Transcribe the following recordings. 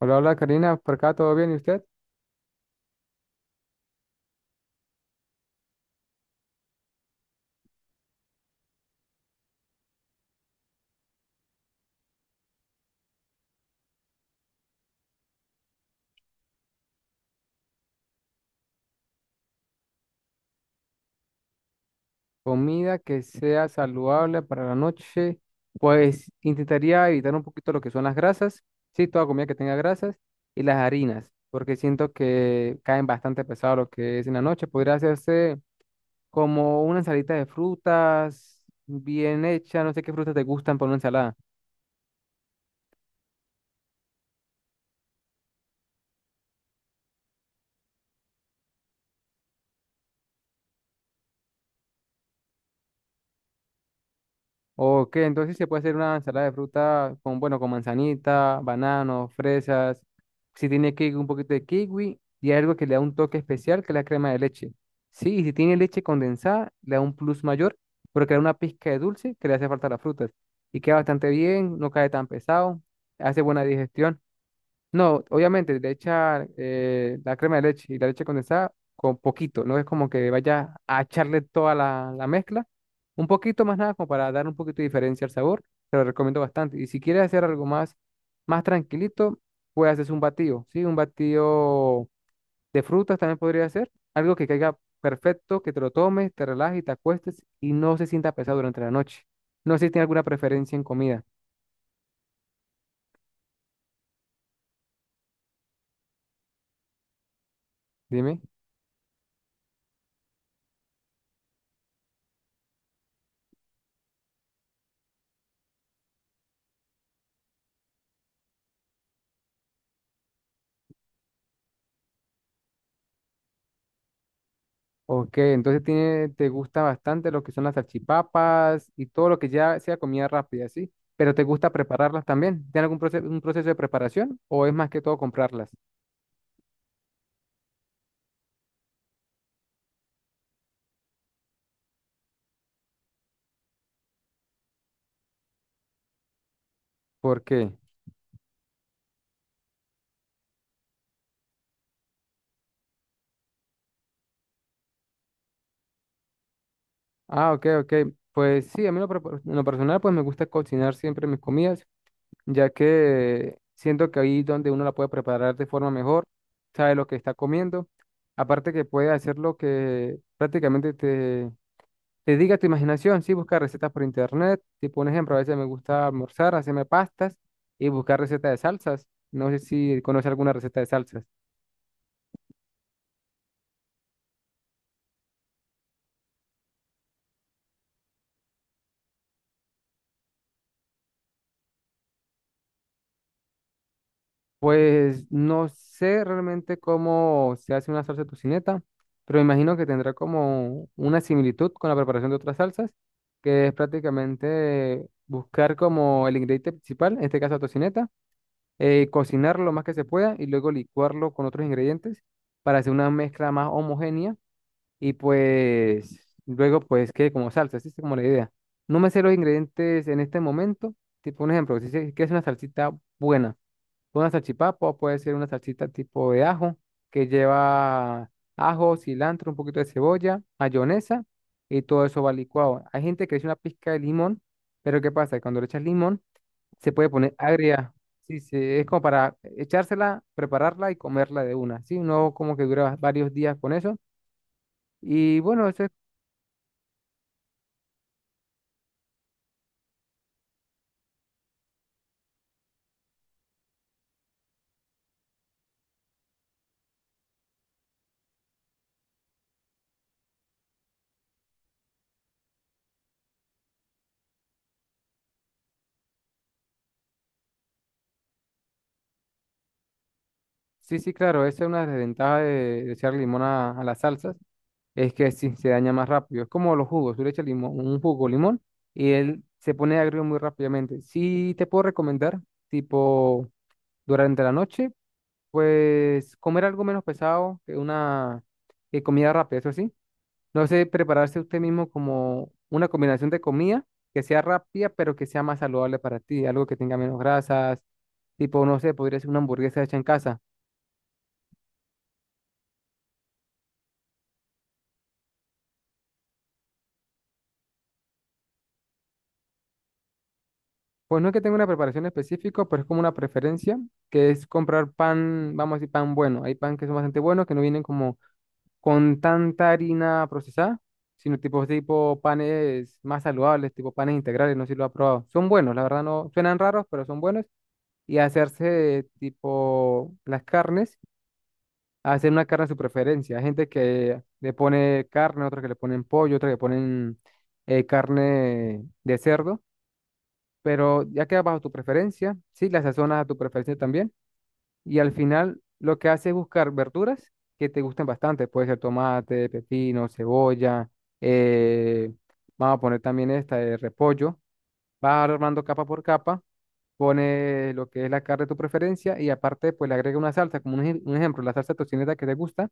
Hola, hola Karina, por acá todo bien, ¿y usted? Comida que sea saludable para la noche, pues intentaría evitar un poquito lo que son las grasas, sí, toda comida que tenga grasas y las harinas, porque siento que caen bastante pesado lo que es en la noche. Podría hacerse como una ensalita de frutas bien hecha, no sé qué frutas te gustan para una ensalada. Ok, entonces se puede hacer una ensalada de fruta con, bueno, con manzanita, banano, fresas. Si tiene kiwi, un poquito de kiwi y algo que le da un toque especial, que es la crema de leche. Sí, y si tiene leche condensada, le da un plus mayor, porque le da una pizca de dulce que le hace falta a las frutas. Y queda bastante bien, no cae tan pesado, hace buena digestión. No, obviamente, le echar la crema de leche y la leche condensada con poquito. No es como que vaya a echarle toda la mezcla. Un poquito más nada como para dar un poquito de diferencia al sabor. Te lo recomiendo bastante. Y si quieres hacer algo más, más tranquilito, puedes hacer un batido, ¿sí? Un batido de frutas también podría ser. Algo que caiga perfecto, que te lo tomes, te relajes y te acuestes y no se sienta pesado durante la noche. No sé si tiene alguna preferencia en comida. Dime. Ok, entonces tiene, te gusta bastante lo que son las salchipapas y todo lo que ya sea comida rápida, ¿sí? Pero te gusta prepararlas también. ¿Tiene algún proceso, un proceso de preparación o es más que todo comprarlas? ¿Por qué? Ah, ok, ok. Pues sí, a mí en lo personal pues me gusta cocinar siempre mis comidas, ya que siento que ahí donde uno la puede preparar de forma mejor, sabe lo que está comiendo. Aparte que puede hacer lo que prácticamente te diga tu imaginación, sí, buscar recetas por internet. Tipo un ejemplo, a veces me gusta almorzar, hacerme pastas y buscar recetas de salsas. No sé si conoce alguna receta de salsas. Pues no sé realmente cómo se hace una salsa tocineta, pero me imagino que tendrá como una similitud con la preparación de otras salsas, que es prácticamente buscar como el ingrediente principal, en este caso la tocineta, cocinar lo más que se pueda y luego licuarlo con otros ingredientes para hacer una mezcla más homogénea. Y pues luego pues quede como salsa, así es como la idea. No me sé los ingredientes en este momento. Tipo un ejemplo, si se- quieres una salsita buena, una salchipapa o puede ser una salsita tipo de ajo que lleva ajo, cilantro, un poquito de cebolla, mayonesa y todo eso va licuado. Hay gente que le echa una pizca de limón, pero ¿qué pasa? Cuando le echas limón se puede poner agria. Sí, sí, es como para echársela, prepararla y comerla de una, ¿sí? No como que dura varios días con eso. Y bueno, eso es. Sí, sí, claro, esa es una desventaja de echar limón a las salsas, es que sí, se daña más rápido. Es como los jugos, tú le echas limón, un jugo limón y él se pone agrio muy rápidamente. Sí, te puedo recomendar, tipo, durante la noche, pues comer algo menos pesado que comida rápida, eso sí. No sé, prepararse usted mismo como una combinación de comida que sea rápida, pero que sea más saludable para ti, algo que tenga menos grasas, tipo, no sé, podría ser una hamburguesa hecha en casa. Pues no es que tenga una preparación específica, pero es como una preferencia, que es comprar pan, vamos a decir, pan bueno. Hay pan que son bastante buenos, que no vienen como con tanta harina procesada, sino tipo, panes más saludables, tipo panes integrales, no sé si lo ha probado. Son buenos, la verdad no, suenan raros, pero son buenos. Y hacerse tipo las carnes, hacer una carne a su preferencia. Hay gente que le pone carne, otra que le ponen pollo, otra que le ponen carne de cerdo, pero ya queda bajo tu preferencia, sí, las sazonas a tu preferencia también. Y al final lo que hace es buscar verduras que te gusten bastante. Puede ser tomate, pepino, cebolla, eh, vamos a poner también esta de repollo. Vas armando capa por capa, pone lo que es la carne de tu preferencia y aparte pues le agrega una salsa, como un ejemplo, la salsa tocineta que te gusta,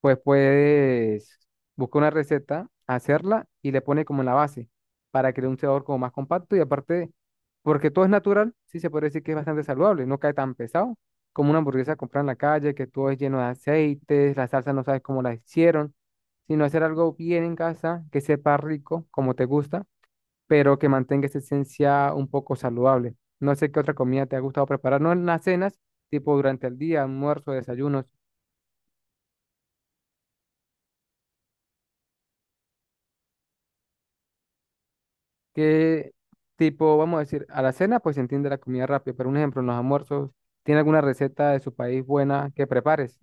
pues puedes buscar una receta, hacerla y le pone como en la base para crear un sabor como más compacto y aparte, porque todo es natural, sí se puede decir que es bastante saludable, no cae tan pesado como una hamburguesa comprada en la calle, que todo es lleno de aceites, la salsa no sabes cómo la hicieron, sino hacer algo bien en casa, que sepa rico, como te gusta, pero que mantenga esa esencia un poco saludable. No sé qué otra comida te ha gustado preparar, no en las cenas, tipo durante el día, almuerzo, desayunos. Qué Tipo, vamos a decir, a la cena, pues se entiende la comida rápida, pero un ejemplo, en los almuerzos, ¿tiene alguna receta de su país buena que prepares?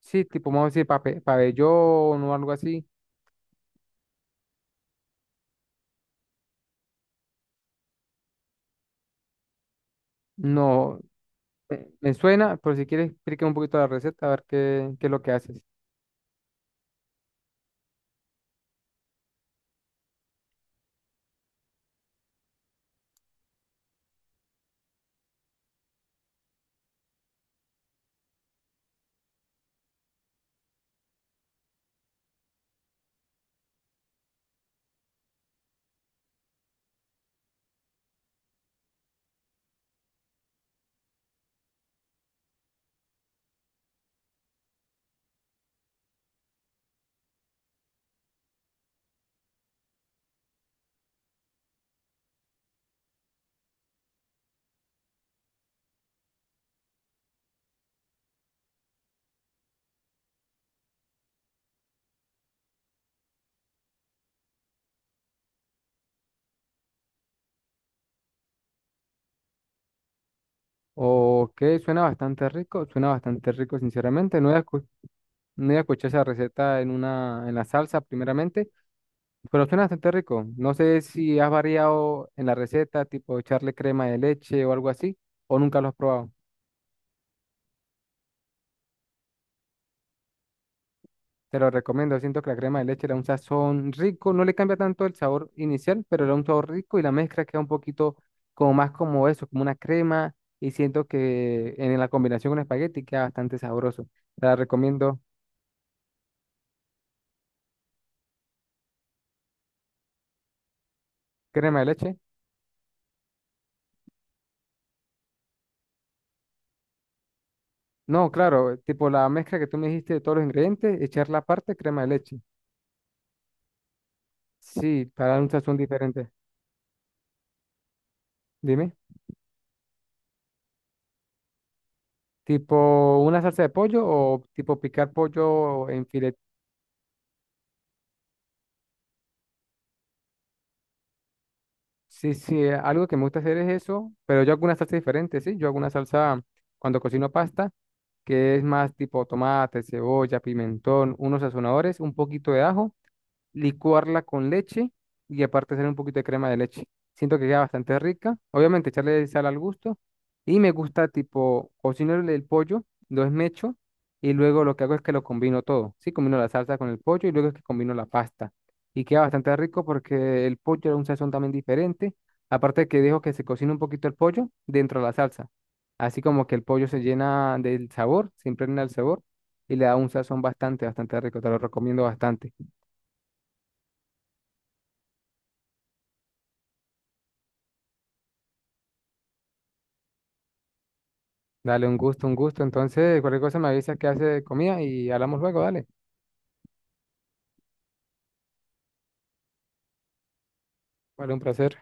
Sí, tipo, vamos a decir, pabellón o algo así. No, me suena, pero si quieres, explícame un poquito la receta, a ver qué es lo que haces. Ok, suena bastante rico, sinceramente. No voy a escuchar esa receta en en la salsa, primeramente. Pero suena bastante rico. No sé si has variado en la receta, tipo echarle crema de leche o algo así, o nunca lo has probado. Te lo recomiendo. Siento que la crema de leche le da un sazón rico. No le cambia tanto el sabor inicial, pero le da un sabor rico y la mezcla queda un poquito como más como eso, como una crema. Y siento que en la combinación con espagueti queda bastante sabroso. Te la recomiendo. Crema de leche. No, claro, tipo la mezcla que tú me dijiste de todos los ingredientes, echar la parte crema de leche. Sí, para dar un sazón diferente. Dime. Tipo una salsa de pollo o tipo picar pollo en filet. Sí, sí, algo que me gusta hacer es eso, pero yo hago una salsa diferente, ¿sí? Yo hago una salsa cuando cocino pasta, que es más tipo tomate, cebolla, pimentón, unos sazonadores, un poquito de ajo. Licuarla con leche y aparte hacer un poquito de crema de leche. Siento que queda bastante rica. Obviamente echarle sal al gusto. Y me gusta tipo cocinar el pollo, lo esmecho y luego lo que hago es que lo combino todo. Sí, combino la salsa con el pollo y luego es que combino la pasta. Y queda bastante rico porque el pollo era un sazón también diferente. Aparte que dejo que se cocine un poquito el pollo dentro de la salsa. Así como que el pollo se llena del sabor, se impregna el sabor y le da un sazón bastante, bastante rico. Te lo recomiendo bastante. Dale, un gusto, un gusto. Entonces, cualquier cosa me avisas que hace de comida y hablamos luego, dale. Vale, un placer.